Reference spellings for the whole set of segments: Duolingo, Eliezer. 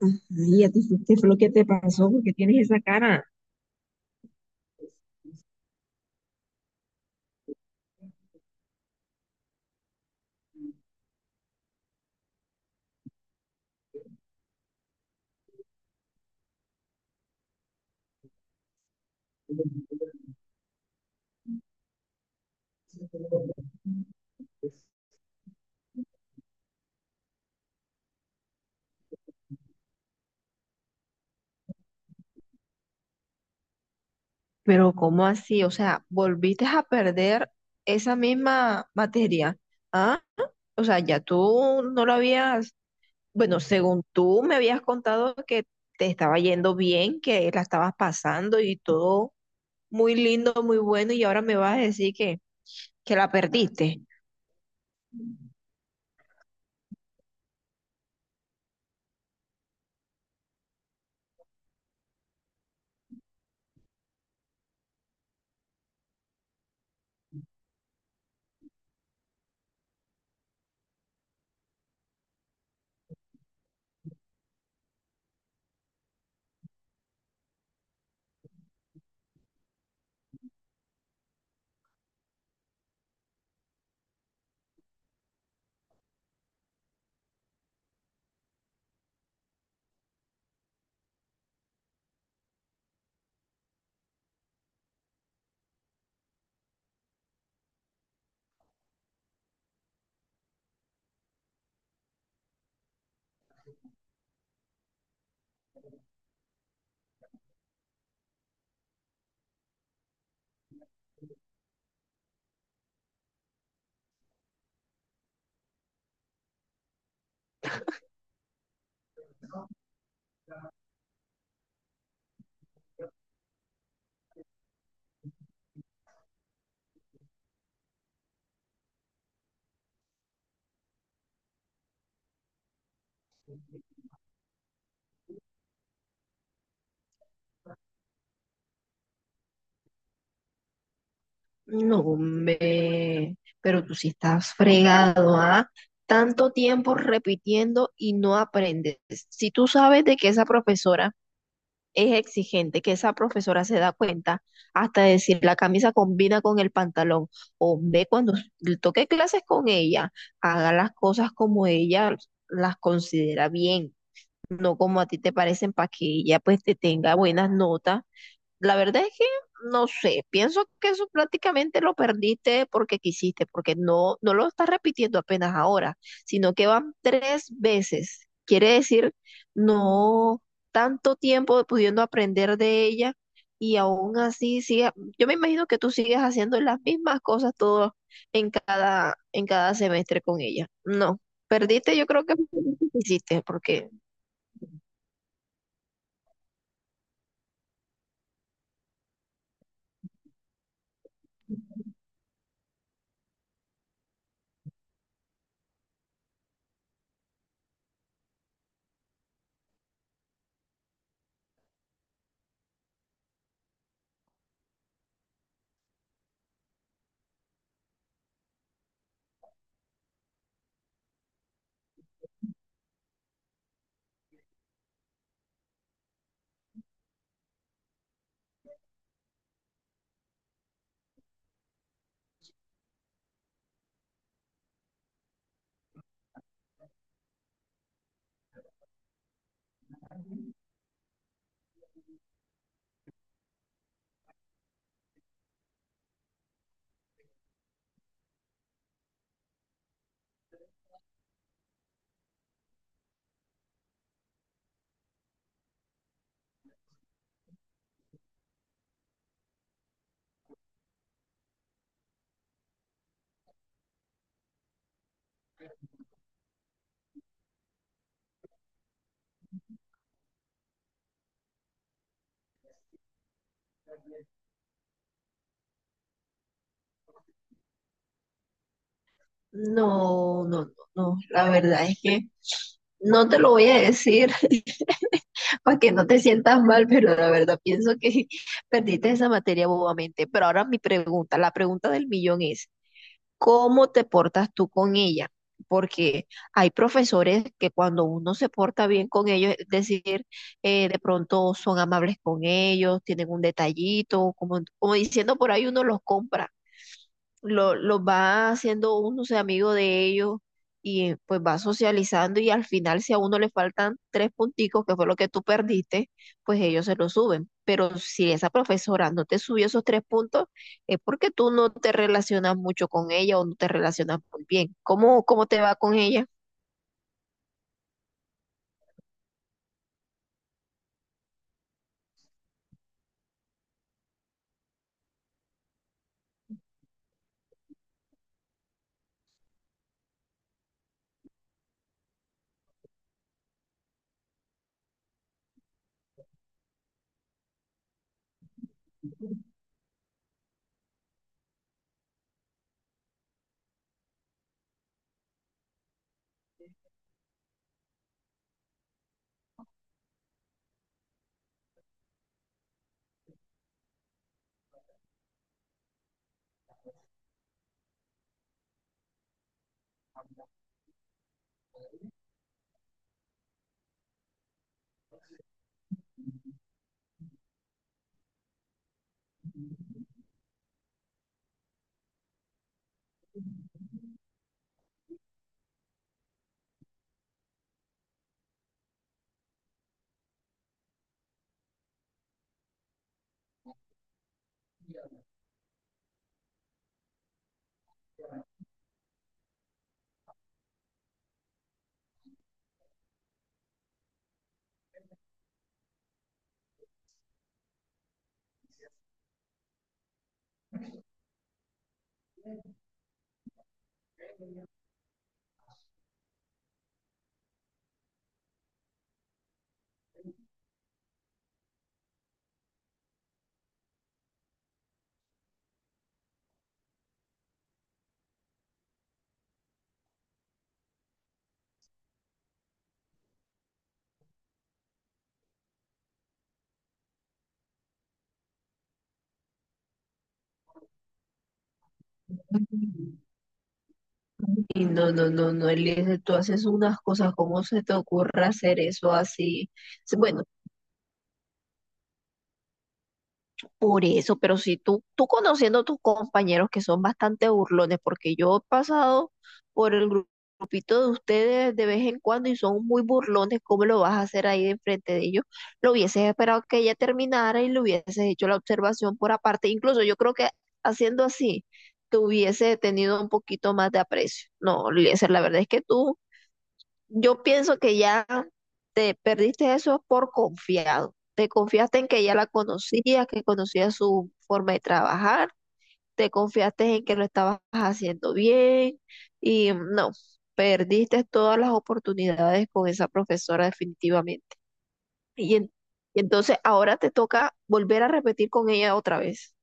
Ajá. ¿Y a ti qué fue lo que te pasó? ¿Porque tienes esa cara? Pero ¿cómo así? O sea, volviste a perder esa misma materia. ¿Ah? O sea, ya tú no lo habías, bueno, según tú me habías contado que te estaba yendo bien, que la estabas pasando y todo muy lindo, muy bueno, y ahora me vas a decir que la perdiste. No, hombre, pero tú sí estás fregado, ¿ah? Tanto tiempo repitiendo y no aprendes. Si tú sabes de que esa profesora es exigente, que esa profesora se da cuenta hasta decir la camisa combina con el pantalón, hombre, cuando le toque clases con ella, haga las cosas como ella las considera bien, no como a ti te parecen, para que ella pues te tenga buenas notas. La verdad es que no sé, pienso que eso prácticamente lo perdiste porque quisiste, porque no lo estás repitiendo apenas ahora, sino que van tres veces. Quiere decir, no, tanto tiempo pudiendo aprender de ella y aún así sigue. Yo me imagino que tú sigues haciendo las mismas cosas todo en cada semestre con ella. No, perdiste, yo creo que perdiste, porque no, no, no, no. La verdad es que no te lo voy a decir para que no te sientas mal, pero la verdad pienso que perdiste esa materia bobamente. Pero ahora mi pregunta, la pregunta del millón es, ¿cómo te portas tú con ella? Porque hay profesores que cuando uno se porta bien con ellos, es decir, de pronto son amables con ellos, tienen un detallito, como diciendo por ahí uno los compra, los va haciendo uno se amigo de ellos y pues va socializando y al final si a uno le faltan tres punticos, que fue lo que tú perdiste, pues ellos se lo suben. Pero si esa profesora no te subió esos tres puntos, es porque tú no te relacionas mucho con ella o no te relacionas muy bien. Cómo te va con ella? Y no, no, no, no, Eliezer, tú haces unas cosas, ¿cómo se te ocurre hacer eso así? Sí, bueno, por eso, pero si tú conociendo a tus compañeros que son bastante burlones, porque yo he pasado por el gru- grupito de ustedes de vez en cuando y son muy burlones, ¿cómo lo vas a hacer ahí de frente de ellos? Lo hubieses esperado que ella terminara y le hubieses hecho la observación por aparte. Incluso yo creo que haciendo así, te hubiese tenido un poquito más de aprecio. No, Eliezer, la verdad es que tú, yo pienso que ya te perdiste eso por confiado. Te confiaste en que ya la conocías, que conocías su forma de trabajar, te confiaste en que lo estabas haciendo bien y no, perdiste todas las oportunidades con esa profesora definitivamente. Y, en- y entonces ahora te toca volver a repetir con ella otra vez.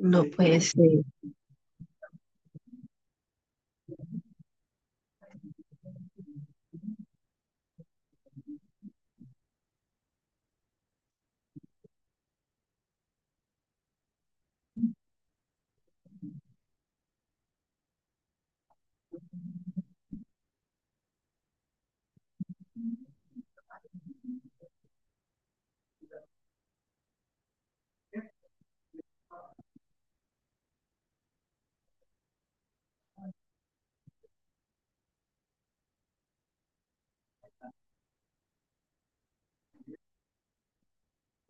No puede ser.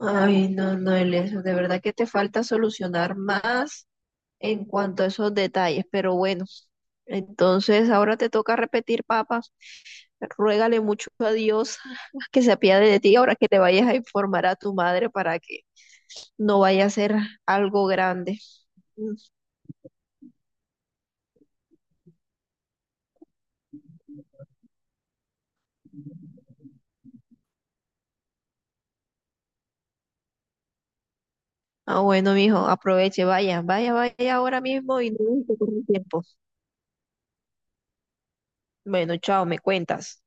Ay, no, no, Elias, de verdad que te falta solucionar más en cuanto a esos detalles, pero bueno, entonces ahora te toca repetir, papá, ruégale mucho a Dios que se apiade de ti ahora que te vayas a informar a tu madre para que no vaya a ser algo grande. Mm. Ah, bueno, mijo, aproveche, vaya, vaya, vaya ahora mismo y no se corre el tiempo. Bueno, chao, me cuentas.